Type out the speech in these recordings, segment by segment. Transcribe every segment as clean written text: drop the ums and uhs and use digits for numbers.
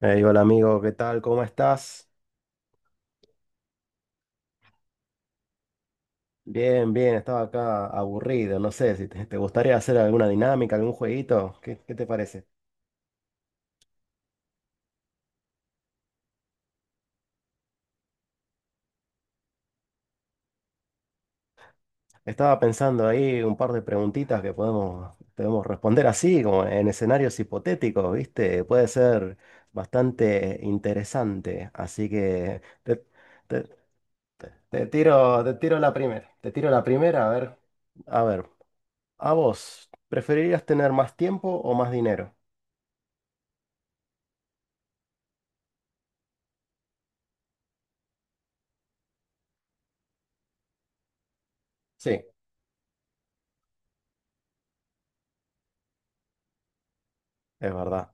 Ey, hola amigo, ¿qué tal? ¿Cómo estás? Bien, bien, estaba acá aburrido, no sé si te gustaría hacer alguna dinámica, algún jueguito, ¿qué te parece? Estaba pensando ahí un par de preguntitas que podemos responder así, como en escenarios hipotéticos, ¿viste? Puede ser bastante interesante, así que te- te tiro la primera, a ver, a ver, ¿a vos preferirías tener más tiempo o más dinero? Sí, es verdad.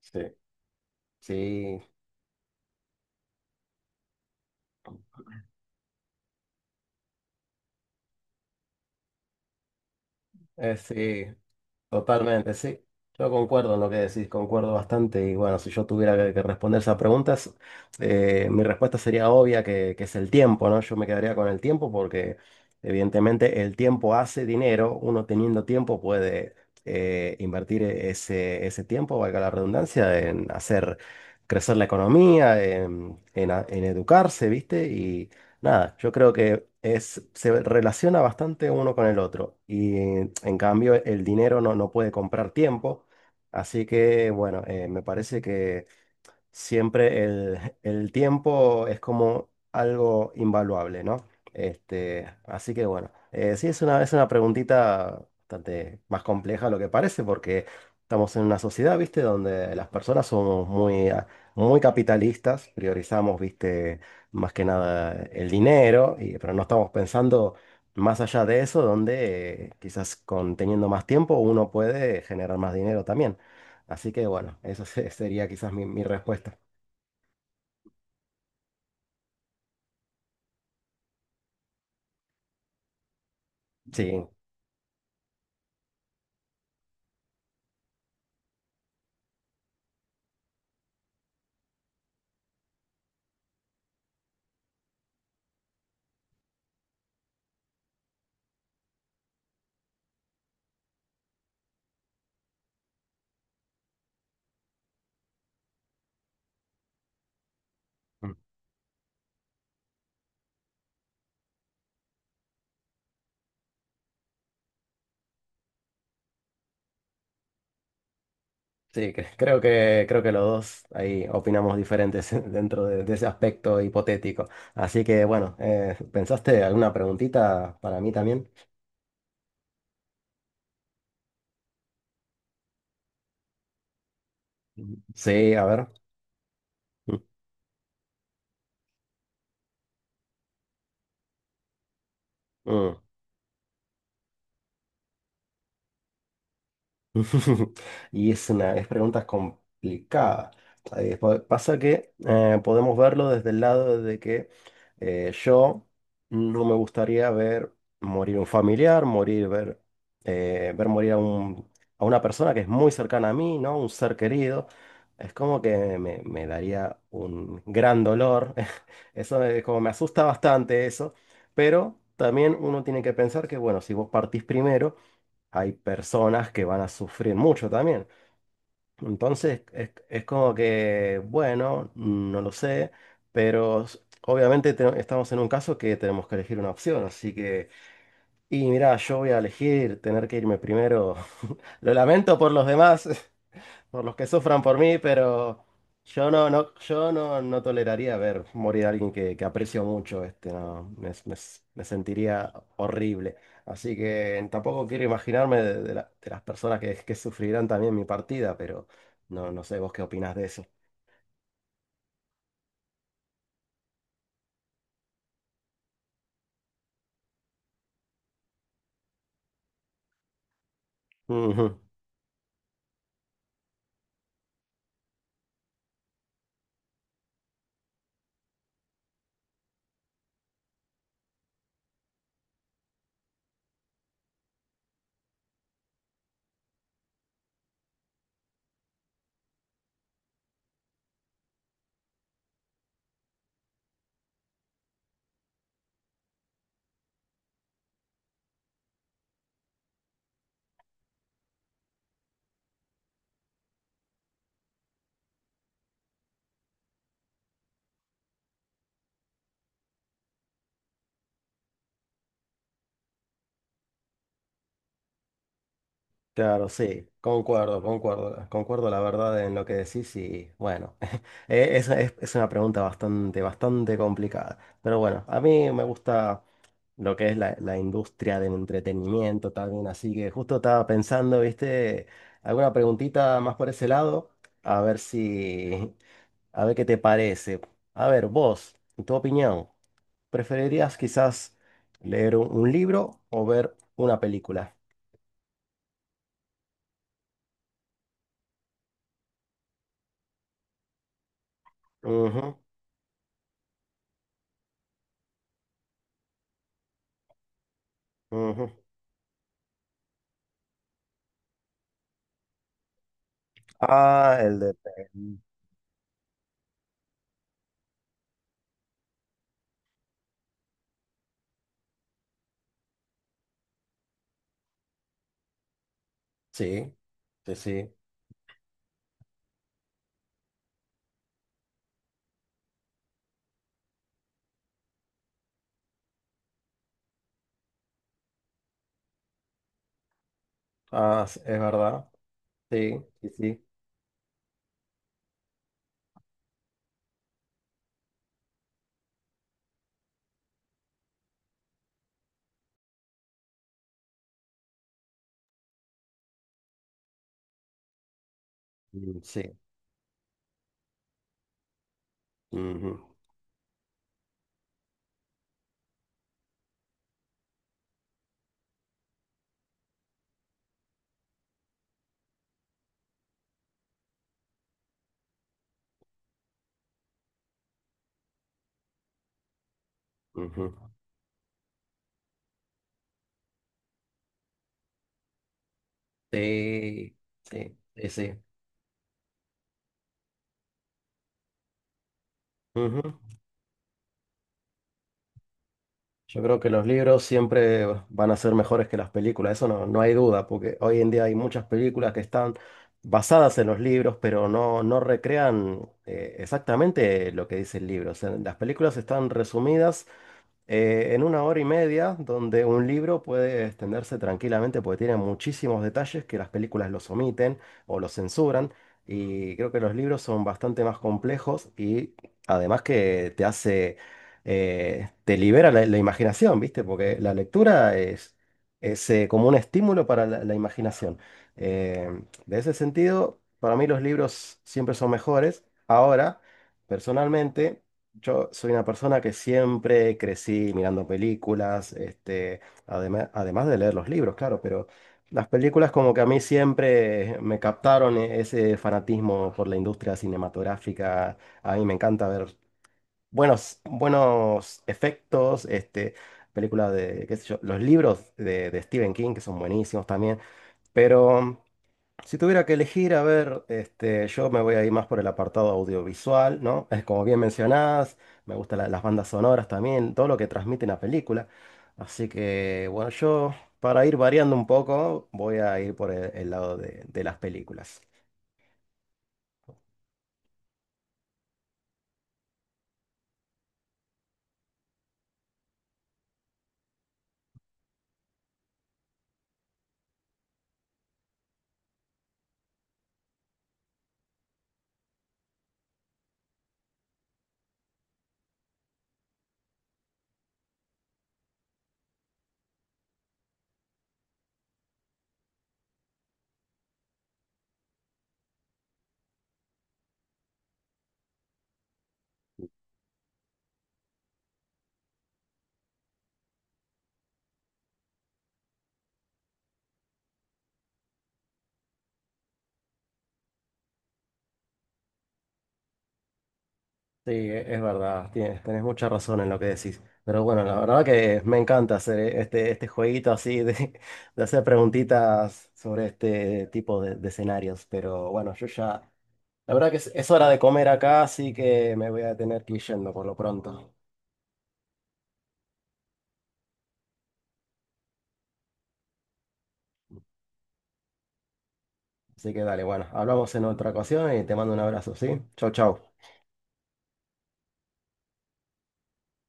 Sí. Sí, sí, totalmente, sí. Yo concuerdo en lo que decís, concuerdo bastante. Y bueno, si yo tuviera que responder esas preguntas, mi respuesta sería obvia que es el tiempo, ¿no? Yo me quedaría con el tiempo porque evidentemente el tiempo hace dinero. Uno teniendo tiempo puede invertir ese tiempo, valga la redundancia, en hacer crecer la economía, en educarse, ¿viste? Y nada, yo creo que es, se relaciona bastante uno con el otro y en cambio el dinero no, no puede comprar tiempo, así que bueno, me parece que siempre el tiempo es como algo invaluable, ¿no? Así que bueno, sí es una preguntita bastante más compleja de lo que parece, porque estamos en una sociedad, ¿viste? Donde las personas somos muy, muy capitalistas, priorizamos, ¿viste? Más que nada el dinero, pero no estamos pensando más allá de eso, donde quizás con teniendo más tiempo uno puede generar más dinero también. Así que bueno, sería quizás mi respuesta. Sí, mm, sí, creo que los dos ahí opinamos diferentes dentro de ese aspecto hipotético. Así que bueno, ¿pensaste alguna preguntita para mí también? Sí, a ver. Mm. Mm. Y es una es pregunta complicada. Pasa que podemos verlo desde el lado de que yo no me gustaría ver morir un familiar, morir, ver, eh, ver morir a un- a una persona que es muy cercana a mí, ¿no? Un ser querido. Es como que me daría un gran dolor. Eso es como me asusta bastante eso. Pero también uno tiene que pensar que, bueno, si vos partís primero hay personas que van a sufrir mucho también. Entonces, es como que, bueno, no lo sé, pero obviamente estamos en un caso que tenemos que elegir una opción, así que, y mira, yo voy a elegir tener que irme primero. Lo lamento por los demás, por los que sufran por mí, pero yo no, no, yo no, no toleraría ver morir a alguien que aprecio mucho, este, no, me sentiría horrible. Así que tampoco quiero imaginarme de las personas que sufrirán también mi partida, pero no, no sé vos qué opinás de eso. Ujú. Claro, sí, concuerdo, concuerdo, concuerdo la verdad en lo que decís y bueno, es una pregunta bastante, bastante complicada. Pero bueno, a mí me gusta lo que es la industria del entretenimiento también. Así que justo estaba pensando, ¿viste? Alguna preguntita más por ese lado, a ver si, a ver qué te parece. A ver, vos, en tu opinión, ¿preferirías quizás leer un libro o ver una película? Ujú, ujú. Ah, el de... peli. Sí, sí, sí. Ah, es verdad. Sí, sí, sí. Mm, sí. Ujú, ujú. Sí. Sí, sí, sí. Ujú. Yo creo que los libros siempre van a ser mejores que las películas, eso no, no hay duda, porque hoy en día hay muchas películas que están basadas en los libros, pero no, no recrean exactamente lo que dice el libro. O sea, las películas están resumidas en una hora y media, donde un libro puede extenderse tranquilamente porque tiene muchísimos detalles que las películas los omiten o los censuran. Y creo que los libros son bastante más complejos y además que te hace, te libera la imaginación, ¿viste? Porque la lectura es, como un estímulo para la imaginación. Eh, de ese sentido, para mí los libros siempre son mejores. Ahora, personalmente... Yo soy una persona que siempre crecí mirando películas, este, además, además de leer los libros, claro, pero las películas como que a mí siempre me captaron ese fanatismo por la industria cinematográfica. A mí me encanta ver buenos, buenos efectos, este, películas de, qué sé yo, los libros de Stephen King, que son buenísimos también, pero... Si tuviera que elegir, a ver, este, yo me voy a ir más por el apartado audiovisual, ¿no? Es como bien mencionadas, me gustan las bandas sonoras también, todo lo que transmite la película. Así que, bueno, yo para ir variando un poco, voy a ir por el lado de las películas. Sí, es verdad, tienes, tenés mucha razón en lo que decís. Pero bueno, la verdad que me encanta hacer este, este jueguito así de hacer preguntitas sobre este tipo de escenarios. Pero bueno, yo ya... La verdad que es hora de comer acá, así que me voy a tener que ir yendo por lo pronto. Así que dale, bueno, hablamos en otra ocasión y te mando un abrazo, ¿sí? Chau, chau.